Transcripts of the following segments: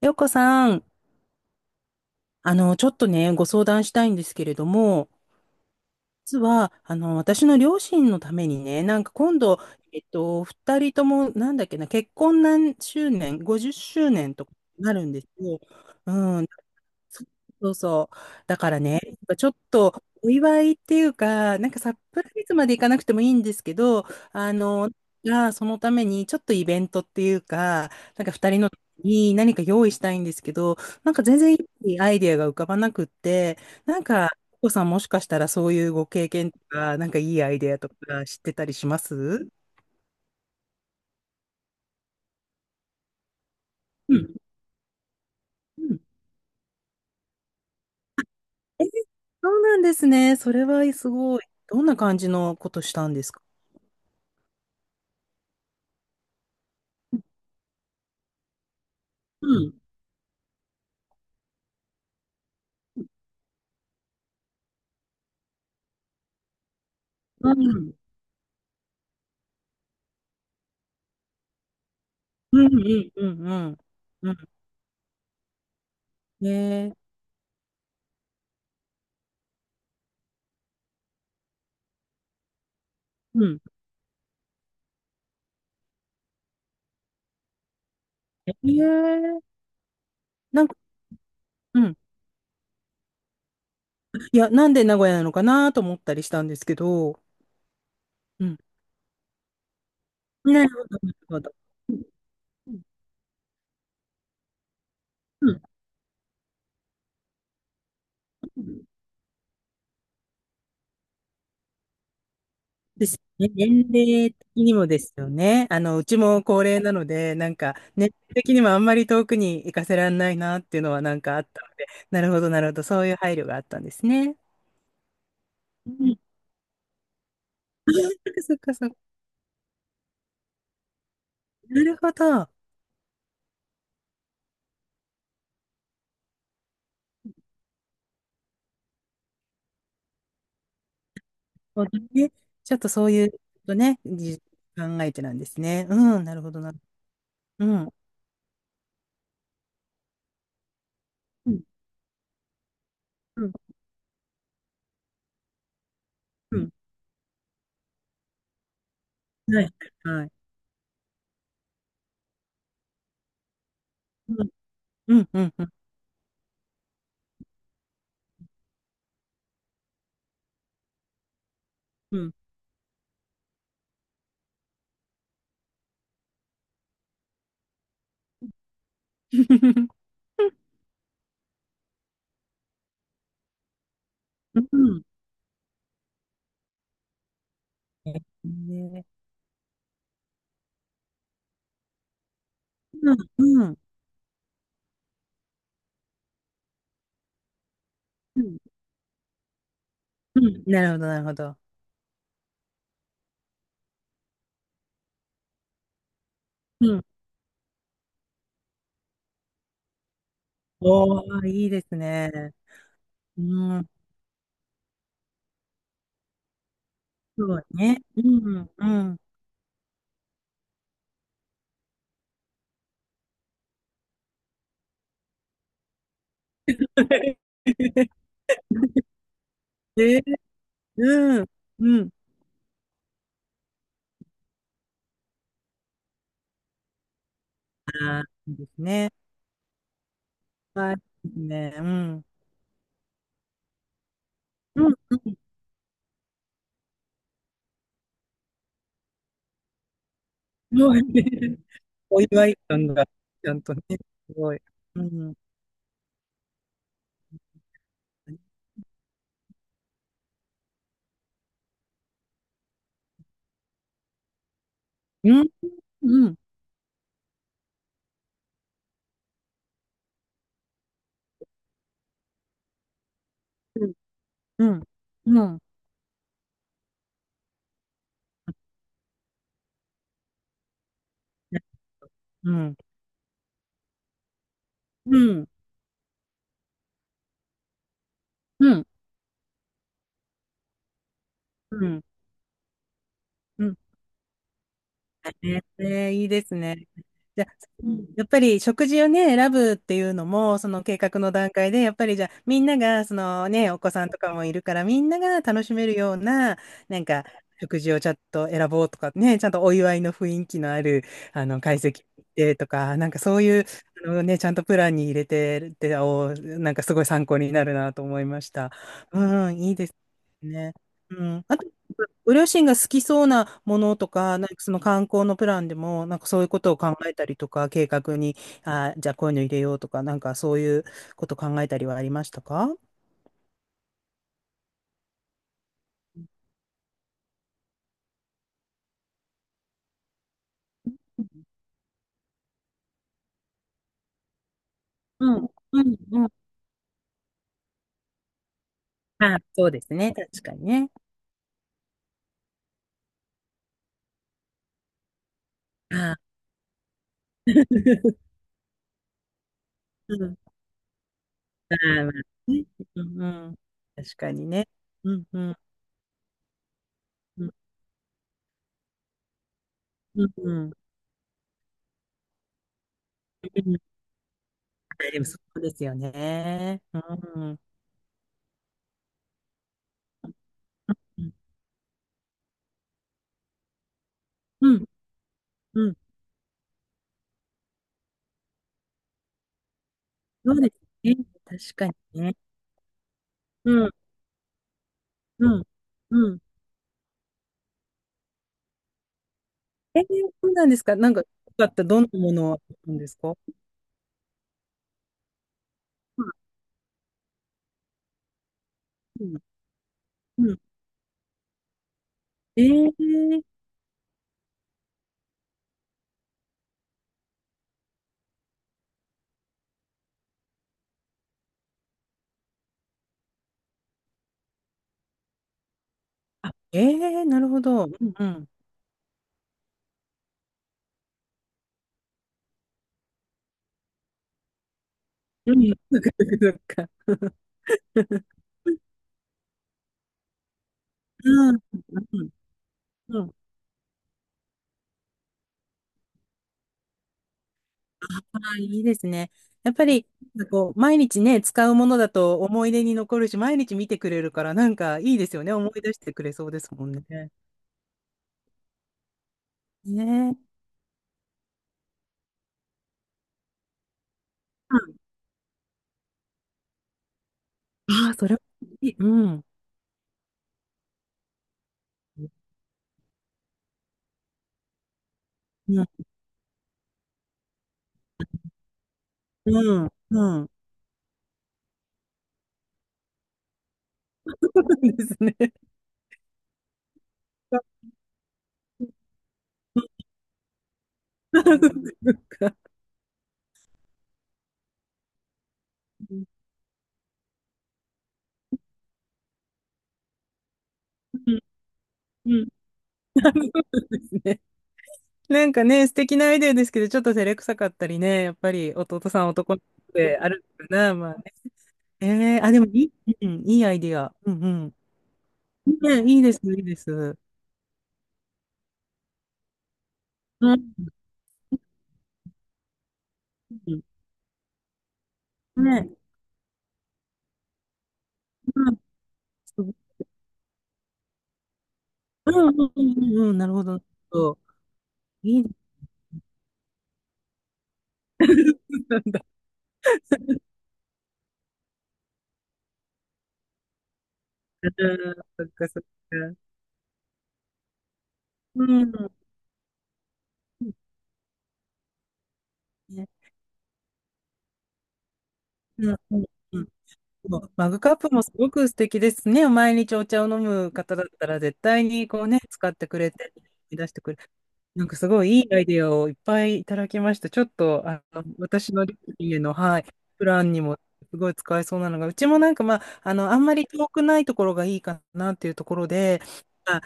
ようこさん、ちょっとね、ご相談したいんですけれども、実は、私の両親のためにね、なんか今度、二人とも、なんだっけな、結婚何周年、50周年とかなるんですよ。うん。そそうそう。だからね、ちょっとお祝いっていうか、なんかサプライズまでいかなくてもいいんですけど、あの、がそのためにちょっとイベントっていうか、なんか二人のに何か用意したいんですけど、なんか全然いいアイデアが浮かばなくって、なんか、お子さんもしかしたらそういうご経験とか、なんかいいアイデアとか知ってたりします？うんうん。え、そうなんですね。それはすごい。どんな感じのことしたんですか？うん。うんうんうんうん。うん。うん。ねえ。うん。ねえ。なんか、うん。いや、なんで名古屋なのかなと思ったりしたんですけど、うん。なるほど、なるほど。うんうんうん。ですね。年齢的にもですよね。うちも高齢なので、なんか、年齢的にもあんまり遠くに行かせられないなっていうのはなんかあったので、なるほど、なるほど。そういう配慮があったんですね。うん。そっかそっか。なるほど。そうだね。ちょっとそういうことね、じ考えてなんですね。うん、なるほどな。うん。うん、うん、うん。はい、はい。うん、うん、うん、うん。うん。うん。え。ね。うん、うん、うん。うん。なるほど、なるほど。うん。おー、いいですね。うん、そうね。うん、うん。で、うん、うん。あ、いいですね。はい、いいですね。うん。うん、うん。そうね。お祝い感が、ちゃんとね、すごい。うん。うん、うん、うん、うん、うん、うん、うん、うん、うん、うん。ね、ね、いいですね。じゃあ、うん、やっぱり食事をね、選ぶっていうのも、その計画の段階で、やっぱりじゃあ、みんなが、そのね、お子さんとかもいるから、みんなが楽しめるような、なんか、食事をちゃんと選ぼうとかね、ちゃんとお祝いの雰囲気のある、会席でとか、なんかそういう、あのね、ちゃんとプランに入れてるって、お、なんかすごい参考になるなと思いました。うん、いいですね。うん。ご両親が好きそうなものとか、なんかその観光のプランでも、なんかそういうことを考えたりとか、計画に、あー、じゃあこういうの入れようとか、なんかそういうこと考えたりはありましたか？うん、うん、うん。あー、そうですね。確かにね。あー、うん、あー、まあね。うん、うん、確かにね。うん、うん、うん、うん、うん。でもそうですよね。うん、うん、うん、うん。そうですね。確かにね。うん、うん、うん。えー、そうなんですか。なんか、よかった。どんなものなんですか？うんうんうん。えー、あ、えー、なるほど。うんうん。うん、そっかそっかそっか。うん、うん、うん。ああ、いいですね。やっぱり、なんかこう、毎日ね、使うものだと思い出に残るし、毎日見てくれるから、なんかいいですよね。思い出してくれそうですもんね。ねえ。うん。ああー、それはいい。うん。うん。うん。うん。そうですね。うんうん。ね。なんかね、素敵なアイデアですけど、ちょっと照れくさかったりね、やっぱり弟さん男の子であるのかな、まあね。えー、あ、でもいい、うん、いいアイデア。うんうん。ね、いいです、いいです。うん。ね。うんうんうんうん。うん、なるほど。そう、いいですね。うん、そっかそっか。うんうん。ね。うんうん。マグカップもすごく素敵ですね。毎日お茶を飲む方だったら絶対にこうね、使ってくれて、出してくれ。なんかすごいいいアイデアをいっぱいいただきました。ちょっと、私の家の、はい、プランにもすごい使えそうなのが、うちもなんかまあ、あんまり遠くないところがいいかなっていうところで、まあ、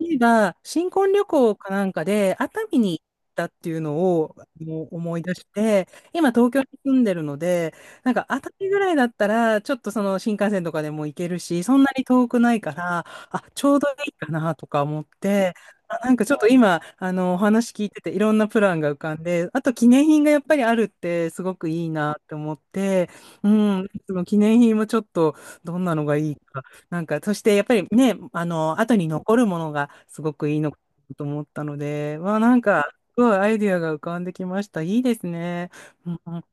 例えば、新婚旅行かなんかで熱海に行ったっていうのをあの思い出して、今東京に住んでるので、なんか熱海ぐらいだったら、ちょっとその新幹線とかでも行けるし、そんなに遠くないから、あ、ちょうどいいかなとか思って、あ、なんかちょっと今、お話聞いてて、いろんなプランが浮かんで、あと記念品がやっぱりあるって、すごくいいなって思って、うん、その記念品もちょっと、どんなのがいいか、なんか、そしてやっぱりね、後に残るものがすごくいいのかと思ったので、わあ、なんか、すごいアイディアが浮かんできました。いいですね。うん、うん、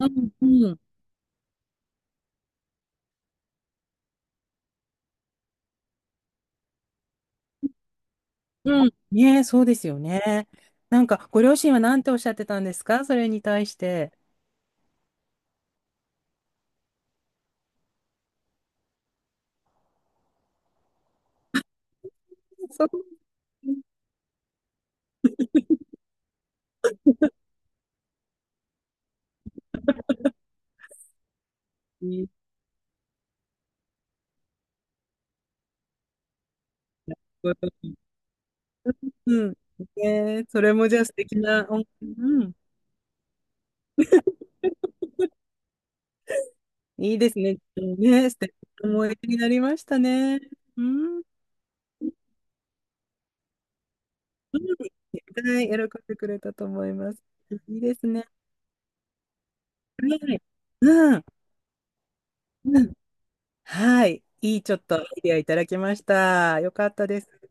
うん、うん。うん。ねえ、そうですよね。なんか、ご両親は何ておっしゃってたんですか？それに対して。そう。うん。ねえ、それもじゃあ素敵な思い、うん。いいですね。ねえ、素敵な思い出になりましたね。うん。うん。はい、喜んでくれたと思います。いいですね。はい。うん。うん。はい。いいちょっとアイデアいただきました。よかったです。